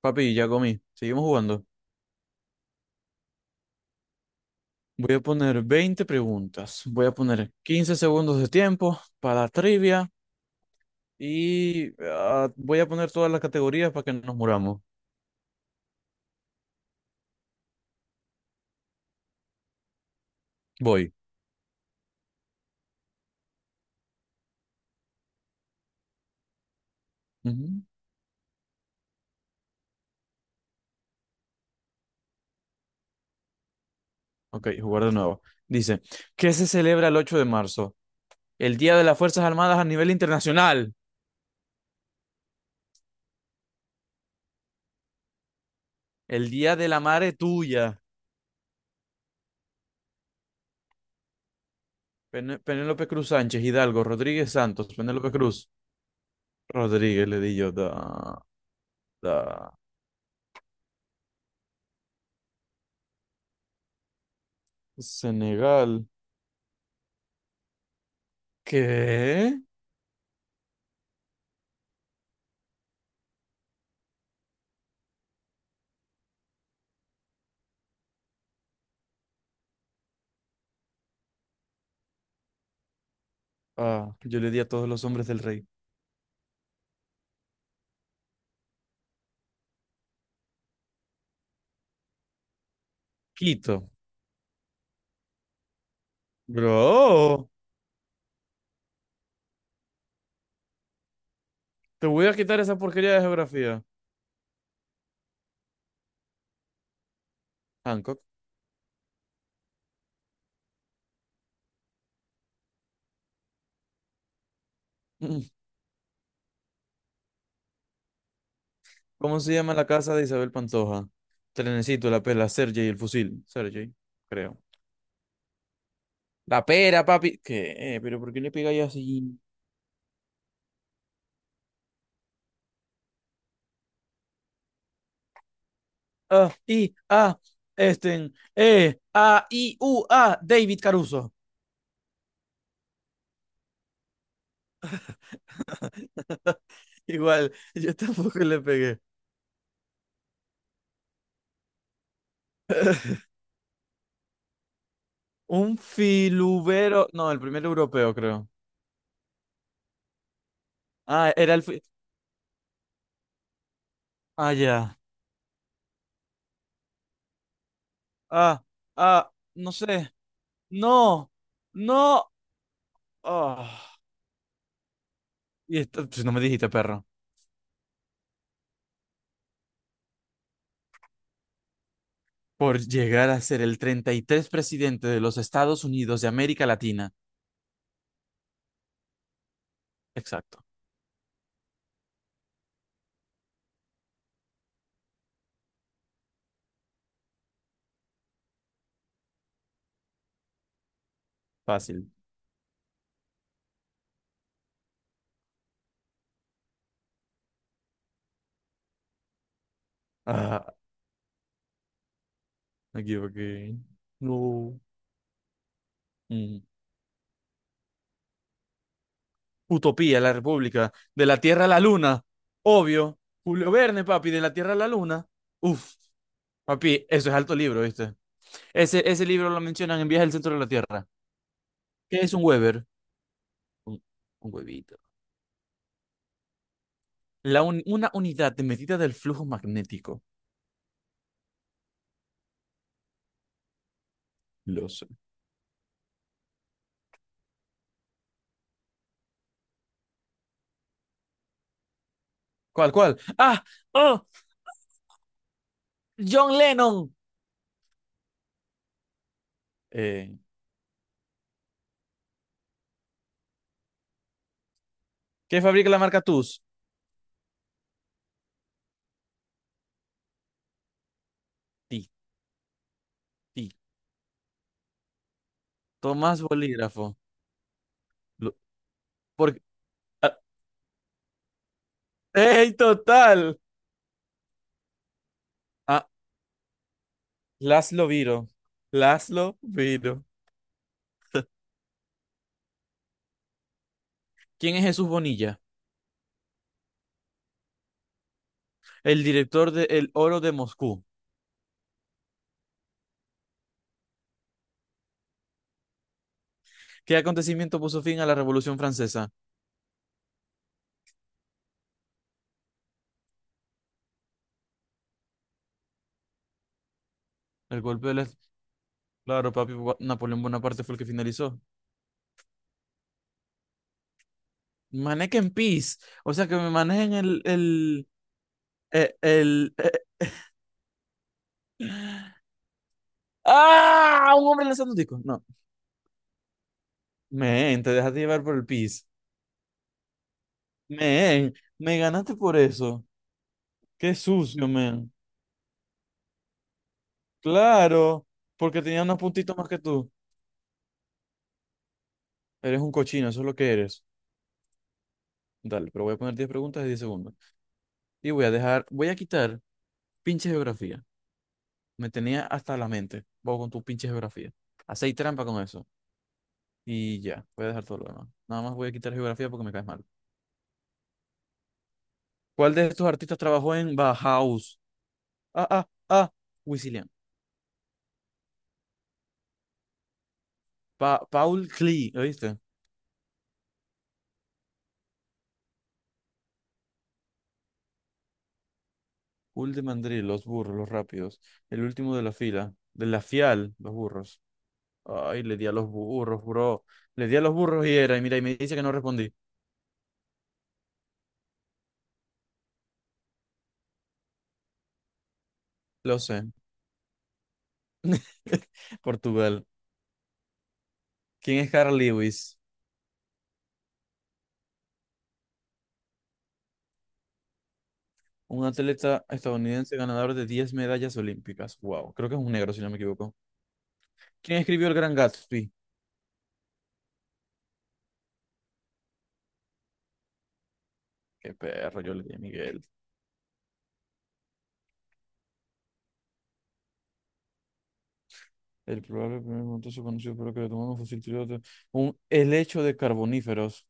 Papi, ya comí. Seguimos jugando. Voy a poner 20 preguntas. Voy a poner 15 segundos de tiempo para trivia y voy a poner todas las categorías para que nos muramos. Voy. Ujú. Ok, jugar de nuevo. Dice, ¿qué se celebra el 8 de marzo? El Día de las Fuerzas Armadas a nivel internacional. El Día de la Madre Tuya. Penélope Cruz Sánchez, Hidalgo, Rodríguez Santos, Penélope Cruz. Rodríguez, le di yo, da, da. Senegal. ¿Qué? Ah, yo le di a todos los hombres del rey. Quito. Bro, te voy a quitar esa porquería de geografía. Hancock. Mm. ¿Cómo se llama la casa de Isabel Pantoja? Trenecito, la pela, Sergey, el fusil. Sergey, creo. La pera, papi. ¿Qué? ¿Pero por qué le pegáis así? Ah, I, A, Esten, E, A, I, U, A, David Caruso. Igual, yo tampoco le pegué. Un filubero. No, el primer europeo, creo. Ah, era el. Ah, ya. Ah, ah, no sé. No, no. ah. Y esto, pues, no me dijiste, perro. Por llegar a ser el 33 presidente de los Estados Unidos de América Latina. Exacto. Fácil. Ah, me equivoqué. No. Mm. Utopía, la República. De la Tierra a la Luna. Obvio. Julio Verne, papi, de la Tierra a la Luna. Uf, papi, eso es alto libro, ¿viste? Ese libro lo mencionan en Viaje al Centro de la Tierra. ¿Qué es un Weber? Un, un huevito. Una unidad de medida del flujo magnético. Lo sé. ¿Cuál, cuál? ¡Ah! ¡Oh! ¡John Lennon! Eh, ¿Qué fabrica la marca TUS? Ti, ti. Tomás Bolígrafo. Lo- por- ah, ¡Ey, total! Ah, Laszlo Viro. Laszlo Viro. ¿Quién es Jesús Bonilla? El director de El Oro de Moscú. ¿Qué acontecimiento puso fin a la Revolución Francesa? El golpe de del... Claro, papi, Napoleón Bonaparte fue el que finalizó. Manequen en peace. O sea, que me manejen el ¡Ah! Un hombre lanzando un disco. No. Men, te dejaste llevar por el pis. Men, me ganaste por eso. Qué sucio, men. Claro, porque tenía unos puntitos más que tú. Eres un cochino, eso es lo que eres. Dale, pero voy a poner 10 preguntas de 10 segundos. Y voy a dejar, voy a quitar pinche geografía. Me tenía hasta la mente. Vos con tu pinche geografía. Hacéis trampa con eso. Y ya, voy a dejar todo lo demás. Nada más voy a quitar geografía porque me caes mal. ¿Cuál de estos artistas trabajó en Bauhaus? ah, ah, ah. Wisilian. Pa Paul Klee, ¿oíste? Paul de Mandril, los burros, los rápidos. El último de la fila. De la fial, los burros. Ay, le di a los burros, bro. Le di a los burros y era. Y mira, y me dice que no respondí. Lo sé. Portugal. ¿Quién es Carl Lewis? Un atleta estadounidense ganador de 10 medallas olímpicas. Wow, creo que es un negro, si no me equivoco. ¿Quién escribió El Gran Gatsby? Qué perro, yo le di a Miguel. El probable primer montazo conocido por lo que le tomaron un fósil triloto. Un helecho de carboníferos.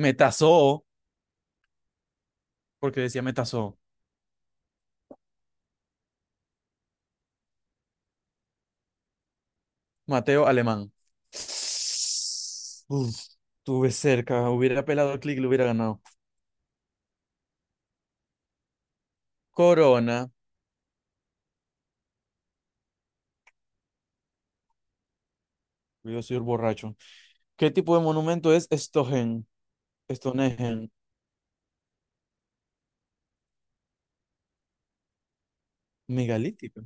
Metazoo, porque decía metazoo. Mateo Alemán. Uf, estuve cerca. Hubiera pelado al clic y lo hubiera ganado. Corona. Yo soy un borracho. ¿Qué tipo de monumento es Stohen? ¿Stonehen? Megalítico.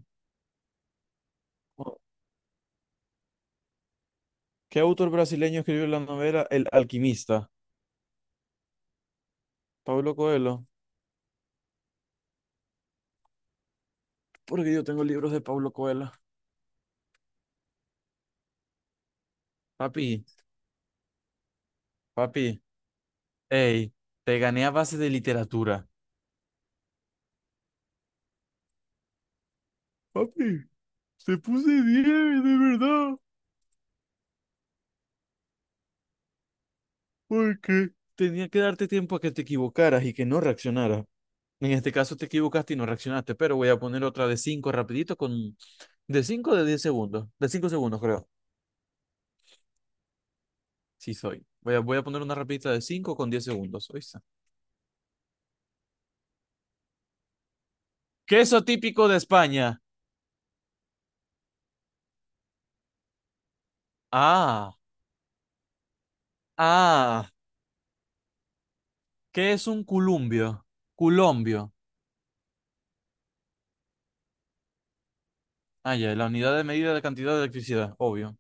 Oh. ¿Qué autor brasileño escribió la novela El Alquimista? Pablo Coelho. Porque yo tengo libros de Pablo Coelho. Papi, papi. Ey, te gané a base de literatura. Papi, te puse 10, de verdad. Porque tenía que darte tiempo a que te equivocaras y que no reaccionaras. En este caso te equivocaste y no reaccionaste, pero voy a poner otra de 5 rapidito con... De 5 o de 10 segundos. De 5 segundos, creo. Sí, soy. Voy a, voy a poner una rapidita de 5 con 10 segundos. ¿Oíste? Queso típico de España. Ah, ah. ¿Qué es un culumbio? Culombio. Ah, ya, la unidad de medida de cantidad de electricidad, obvio.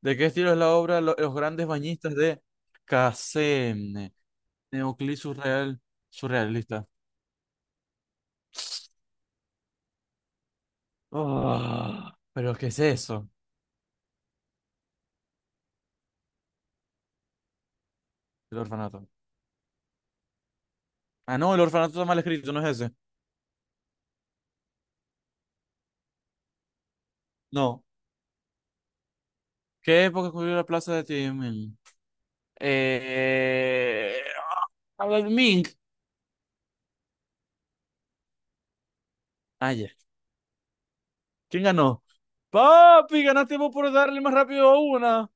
¿De qué estilo es la obra Los grandes bañistas de Casem? Neoclí surreal, surrealista. Ah, ¿pero qué es eso? El orfanato. Ah, no, el orfanato está mal escrito, no es ese. No. ¿Qué época ocurrió la plaza de Tiananmen? Eh... ah, Ming. Mink. Ah, ya. ¿Quién ganó? Papi, ganaste vos por darle más rápido a una.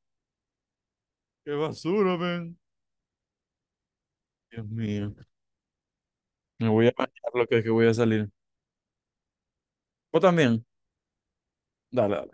Qué basura, ven. Dios mío. Me voy a bañar lo que voy a salir. ¿Vos también? Dale.